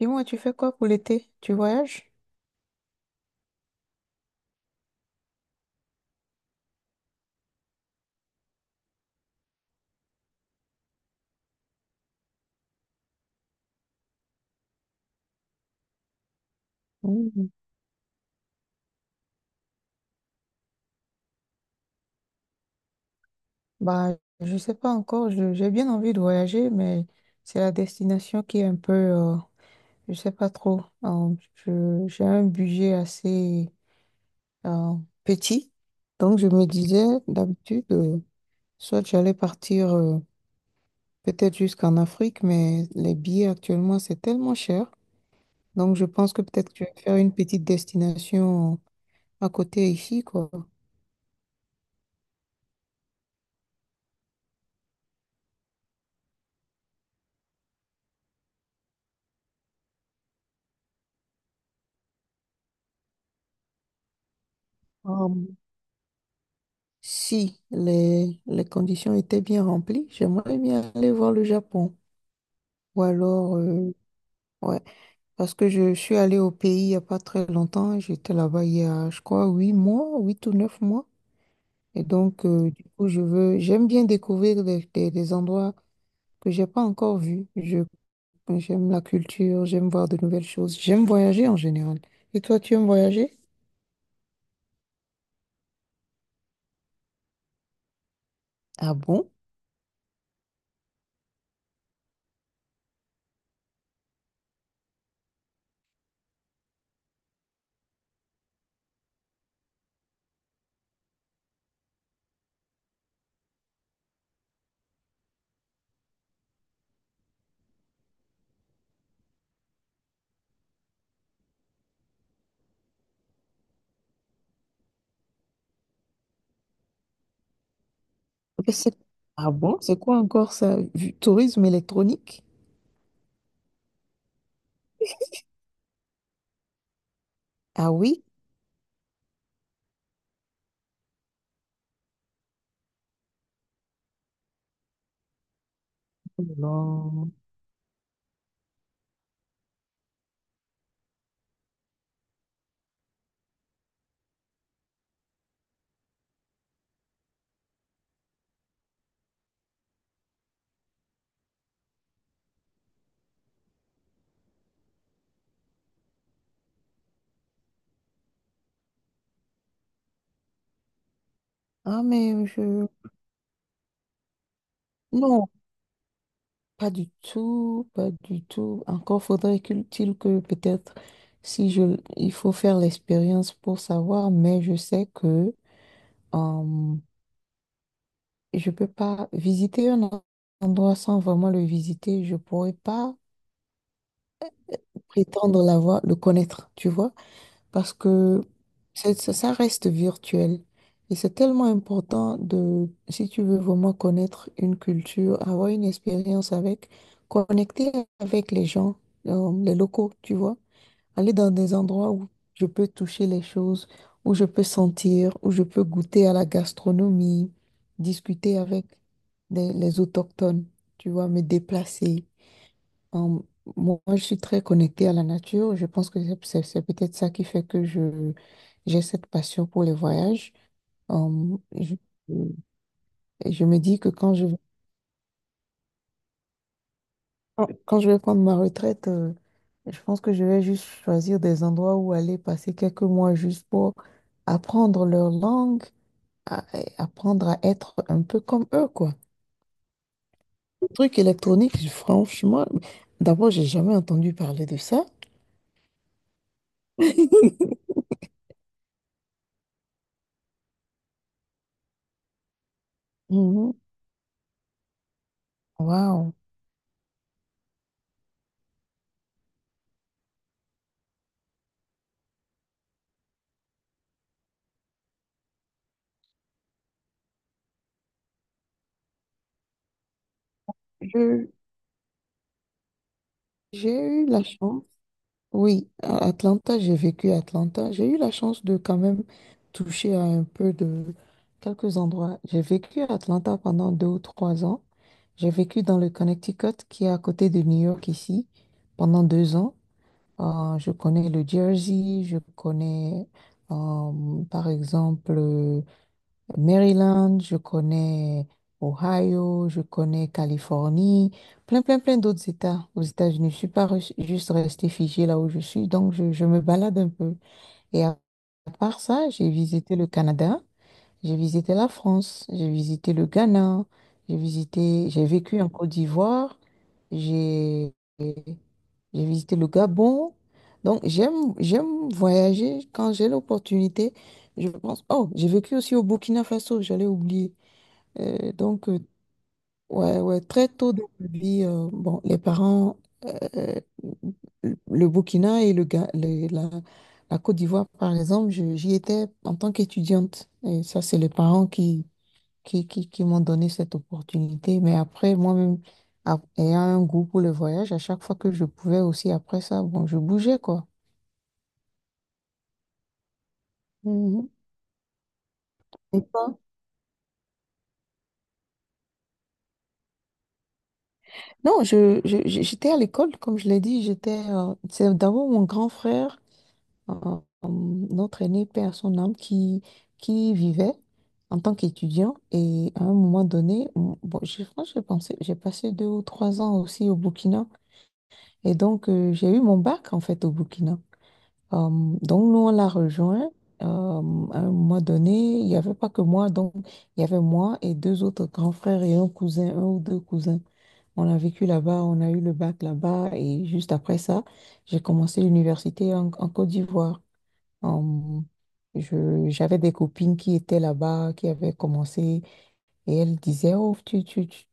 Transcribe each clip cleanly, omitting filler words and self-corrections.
Dis-moi, tu fais quoi pour l'été? Tu voyages? Mm. Bah, je sais pas encore. J'ai bien envie de voyager, mais c'est la destination qui est un peu, je sais pas trop. J'ai un budget assez euh, petit, donc je me disais d'habitude, soit j'allais partir peut-être jusqu'en Afrique, mais les billets actuellement c'est tellement cher, donc je pense que peut-être que je vais faire une petite destination à côté ici, quoi. Si les conditions étaient bien remplies, j'aimerais bien aller voir le Japon. Ou alors, ouais, parce que je suis allée au pays il n'y a pas très longtemps. J'étais là-bas il y a, je crois, 8 mois, 8 ou 9 mois. Et donc, du coup, j'aime bien découvrir des endroits que j'ai pas encore vus. J'aime la culture, j'aime voir de nouvelles choses. J'aime voyager en général. Et toi, tu aimes voyager? Ah bon? Mais c'est- Ah bon? C'est quoi encore ça? Du tourisme électronique? Ah oui? Oh non. Ah, mais je... Non, pas du tout, pas du tout. Encore faudrait-il que peut-être, si je... il faut faire l'expérience pour savoir, mais je sais que euh, je peux pas visiter endroit sans vraiment le visiter. Je pourrais pas prétendre l'avoir, le connaître, tu vois. Parce que ça reste virtuel. Et c'est tellement important de, si tu veux vraiment connaître une culture, avoir une expérience avec, connecter avec les gens, les locaux, tu vois, aller dans des endroits où je peux toucher les choses, où je peux sentir, où je peux goûter à la gastronomie, discuter avec les autochtones, tu vois, me déplacer. Hum, moi, je suis très connectée à la nature. Je pense que c'est peut-être ça qui fait que j'ai cette passion pour les voyages. Hum, je, et je me dis que quand je vais prendre ma retraite, je pense que je vais juste choisir des endroits où aller passer quelques mois juste pour apprendre leur langue, et apprendre à être un peu comme eux, quoi. Le truc électronique, franchement, d'abord, j'ai jamais entendu parler de ça. Mhm. Waouh. Je- J'ai eu la chance, oui, à Atlanta, j'ai vécu à Atlanta. J'ai eu la chance de quand même toucher à un peu de quelques endroits. J'ai vécu à Atlanta pendant 2 ou 3 ans. J'ai vécu dans le Connecticut, qui est à côté de New York ici, pendant 2 ans. Je connais le Jersey, je connais par exemple Maryland, je connais Ohio, je connais Californie, plein, plein, plein d'autres États aux États-Unis. Je ne suis pas res- juste restée figée là où je suis, donc je me balade un peu. Et à part ça, j'ai visité le Canada, j'ai visité la France, j'ai visité le Ghana, j'ai vécu en Côte d'Ivoire, j'ai j'ai visité le Gabon. Donc, j'aime voyager quand j'ai l'opportunité. Je pense, oh, j'ai vécu aussi au Burkina Faso, j'allais oublier. Euh, donc, euh, ouais, ouais, très tôt dans ma vie, bon, les parents, euh, le Burkina et le, Ga- le- la, la Côte d'Ivoire, par exemple, j'y étais en tant qu'étudiante. Et ça, c'est les parents qui m'ont donné cette opportunité. Mais après, moi-même, ayant un goût pour le voyage, à chaque fois que je pouvais aussi, après ça, bon, je bougeais, quoi. Mhm. Et pas- Non, j'étais à l'école, comme je l'ai dit, j'étais, c'est d'abord mon grand frère, euh, notre aîné, père à son âme, qui vivait en tant qu'étudiant. Et à un moment donné, bon, j'ai pensé, j'ai passé 2 ou 3 ans aussi au Burkina. Et donc, j'ai eu mon bac, en fait, au Burkina. Euh, donc, nous, on l'a rejoint. À un moment donné, il n'y avait pas que moi. Donc, il y avait moi et deux autres grands frères et un cousin, un ou deux cousins. On a vécu là-bas, on a eu le bac là-bas. Et juste après ça, j'ai commencé l'université en Côte d'Ivoire. Euh, J'avais des copines qui étaient là-bas, qui avaient commencé. Et elle disait, oh,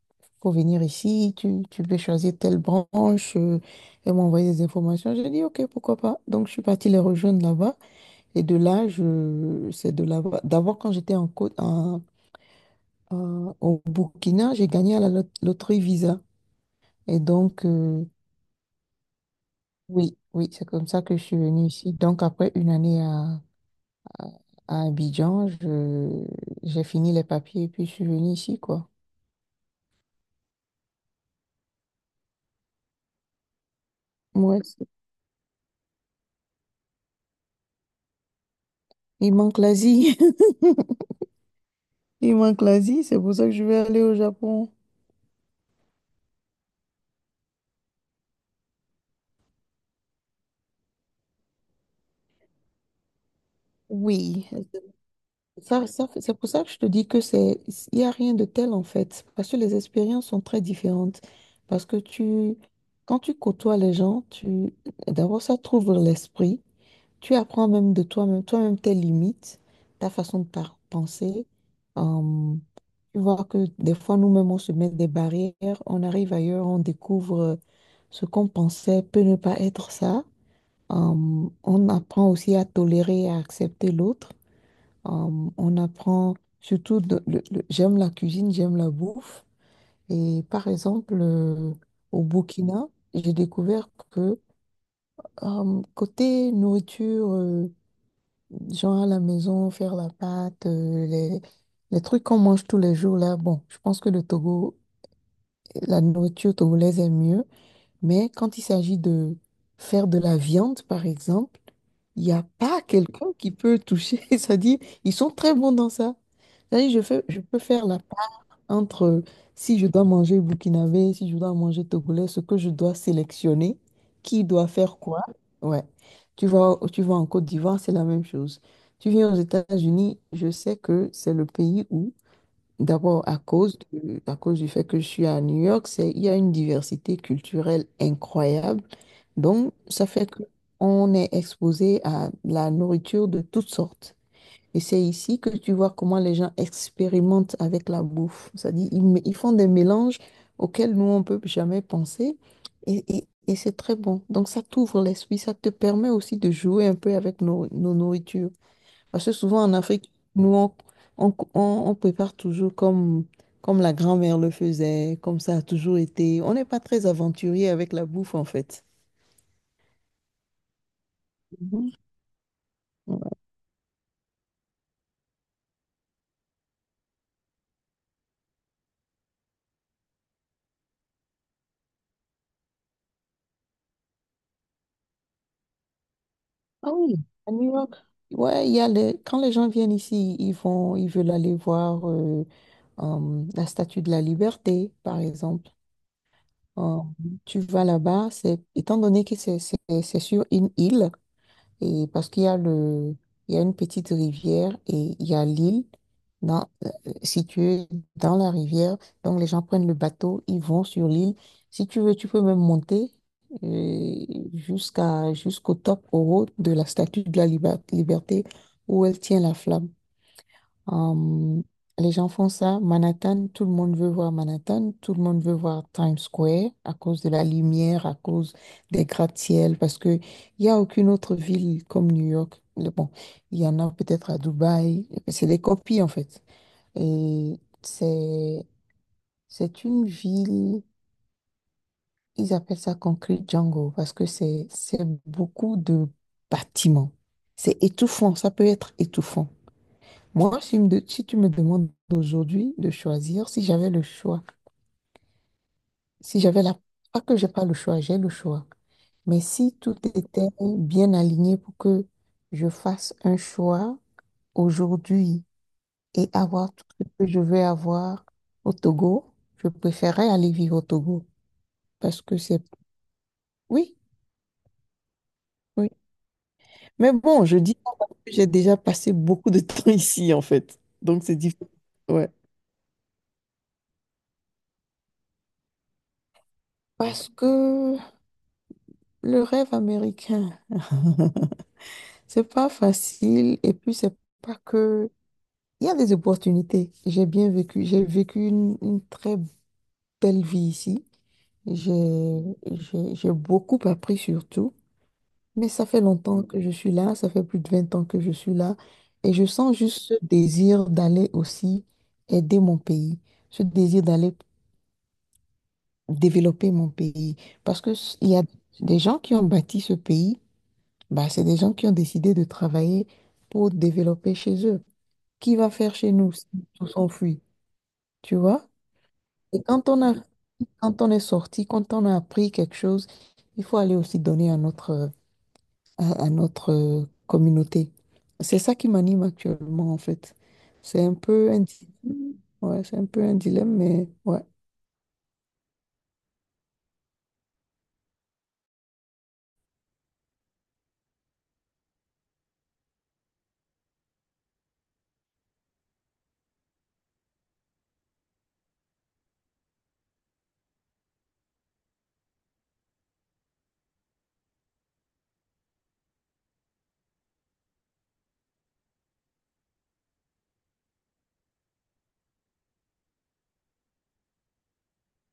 faut venir ici, tu peux choisir telle branche. Elle m'envoyait des informations. J'ai dit, OK, pourquoi pas. Donc, je suis partie les rejoindre là-bas. Et de là, c'est de là-bas. D'abord, quand j'étais en, Côte- en- en- au Burkina, j'ai gagné à la loterie Visa. Et donc, oui, oui, c'est comme ça que je suis venue ici. Donc, après une année à, à Abidjan, j'ai fini les papiers et puis je suis venue ici, quoi. Moi, il manque l'Asie. Il manque l'Asie, c'est pour ça que je vais aller au Japon. Oui, c'est pour ça que je te dis que c'est, il n'y a rien de tel en fait, parce que les expériences sont très différentes. Parce que tu, quand tu côtoies les gens, d'abord ça t'ouvre l'esprit, tu apprends même de toi-même, toi-même tes limites, ta façon de penser. Euh, tu vois que des fois nous-mêmes on se met des barrières, on arrive ailleurs, on découvre ce qu'on pensait peut ne pas être ça. On apprend aussi à tolérer et à accepter l'autre. Euh, on apprend surtout, j'aime la cuisine, j'aime la bouffe. Et par exemple, au Burkina, j'ai découvert que côté nourriture, genre à la maison, faire la pâte, les trucs qu'on mange tous les jours là, bon, je pense que le Togo, la nourriture togolaise est mieux. Mais quand il s'agit de faire de la viande, par exemple, il n'y a pas quelqu'un qui peut toucher. Ça dit, ils sont très bons dans ça. C'est-à-dire, je peux faire la part entre si je dois manger burkinabé, si je dois manger togolais, ce que je dois sélectionner, qui doit faire quoi. Ouais. Tu vois, tu vas en Côte d'Ivoire, c'est la même chose. Tu viens aux États-Unis, je sais que c'est le pays où, d'abord à cause du fait que je suis à New York, c'est, il y a une diversité culturelle incroyable. Donc, ça fait qu'on est exposé à la nourriture de toutes sortes. Et c'est ici que tu vois comment les gens expérimentent avec la bouffe. C'est-à-dire, ils font des mélanges auxquels nous, on ne peut jamais penser. Et c'est très bon. Donc, ça t'ouvre l'esprit. Ça te permet aussi de jouer un peu avec nos nourritures. Parce que souvent, en Afrique, nous, on prépare toujours comme la grand-mère le faisait, comme ça a toujours été. On n'est pas très aventurier avec la bouffe, en fait. Mhm. Ah oui, à New York. Ouais, il y a les... quand les gens viennent ici, ils veulent aller voir la Statue de la Liberté, par exemple. Euh, tu vas là-bas, c'est étant donné que c'est sur une île. Et parce qu'il y a une petite rivière et il y a l'île dans, euh, située dans la rivière. Donc les gens prennent le bateau, ils vont sur l'île. Si tu veux, tu peux même monter euh, jusqu'au top, au haut de la statue de la liberté où elle tient la flamme. Euh, les gens font ça. Manhattan, tout le monde veut voir Manhattan, tout le monde veut voir Times Square à cause de la lumière, à cause des gratte-ciel, parce que il y a aucune autre ville comme New York. Bon, il y en a peut-être à Dubaï. C'est des copies en fait. Et c'est une ville. Ils appellent ça Concrete Jungle parce que c'est beaucoup de bâtiments. C'est étouffant. Ça peut être étouffant. Moi, si tu me demandes aujourd'hui de choisir, si j'avais le choix, si j'avais la... pas que j'ai pas le choix, j'ai le choix. Mais si tout était bien aligné pour que je fasse un choix aujourd'hui et avoir tout ce que je veux avoir au Togo, je préférerais aller vivre au Togo. Parce que c'est... Oui, oui. Mais bon, je dis ça parce que j'ai déjà passé beaucoup de temps ici, en fait. Donc, c'est difficile. Ouais. Parce que le rêve américain. C'est pas facile et puis c'est pas que... il y a des opportunités. J'ai bien vécu. J'ai vécu une très belle vie ici. J'ai, j'ai beaucoup appris surtout. Mais ça fait longtemps que je suis là. Ça fait plus de 20 ans que je suis là. Et je sens juste ce désir d'aller aussi aider mon pays. Ce désir d'aller développer mon pays. Parce que il y a des gens qui ont bâti ce pays. Bah, c'est des gens qui ont décidé de travailler pour développer chez eux. Qui va faire chez nous si tout s'enfuit, tu vois? Et quand on a, quand on est sorti, quand on a appris quelque chose, il faut aller aussi donner à à notre communauté. C'est ça qui m'anime actuellement, en fait. C'est un peu un dilemme, ouais, c'est un peu un dilemme, mais ouais.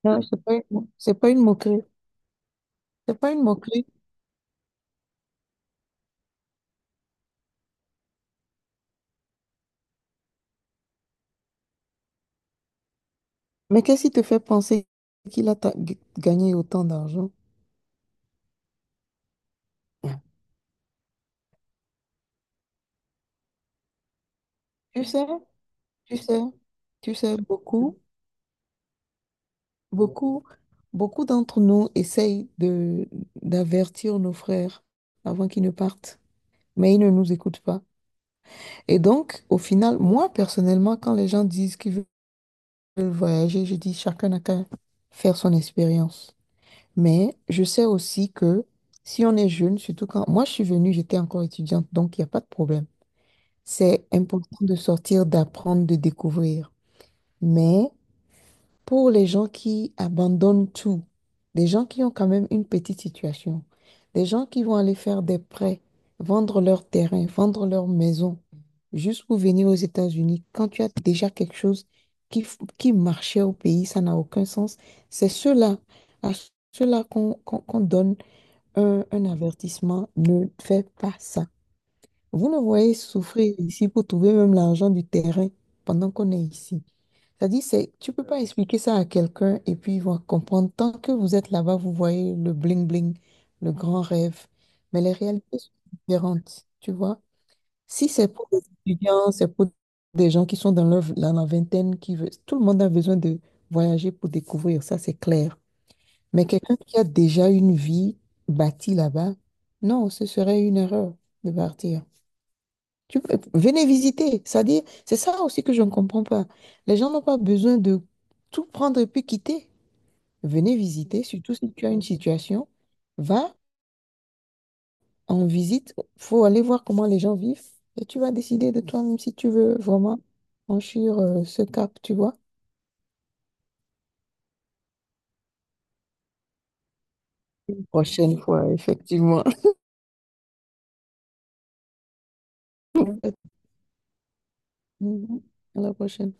Non, c'est pas une moquerie. C'est pas une moquerie. Mais qu'est-ce qui te fait penser qu'il a gagné autant d'argent? Tu sais, tu sais, tu sais beaucoup. Beaucoup, beaucoup d'entre nous essayent de d'avertir nos frères avant qu'ils ne partent, mais ils ne nous écoutent pas. Et donc, au final, moi personnellement, quand les gens disent qu'ils veulent voyager, je dis chacun n'a qu'à faire son expérience. Mais je sais aussi que si on est jeune, surtout quand moi je suis venue, j'étais encore étudiante, donc il n'y a pas de problème. C'est important de sortir, d'apprendre, de découvrir. Mais pour les gens qui abandonnent tout, des gens qui ont quand même une petite situation, des gens qui vont aller faire des prêts, vendre leur terrain, vendre leur maison, juste pour venir aux États-Unis, quand tu as déjà quelque chose qui marchait au pays, ça n'a aucun sens. C'est ceux-là, à ceux-là qu'on donne un avertissement, ne fais pas ça. Vous nous voyez souffrir ici pour trouver même l'argent du terrain pendant qu'on est ici. C'est-à-dire, tu peux pas expliquer ça à quelqu'un et puis il va comprendre. Tant que vous êtes là-bas, vous voyez le bling-bling, le grand rêve. Mais les réalités sont différentes, tu vois. Si c'est pour des étudiants, c'est pour des gens qui sont dans dans la vingtaine, qui veulent, tout le monde a besoin de voyager pour découvrir, ça c'est clair. Mais quelqu'un qui a déjà une vie bâtie là-bas, non, ce serait une erreur de partir. Tu- Venez visiter. C'est-à-dire, c'est ça aussi que je ne comprends pas. Les gens n'ont pas besoin de tout prendre et puis quitter. Venez visiter, surtout si tu as une situation. Va en visite. Faut aller voir comment les gens vivent et tu vas décider de toi-même si tu veux vraiment franchir ce cap, tu vois. Prochaine fois, effectivement. Mhm. À la prochaine.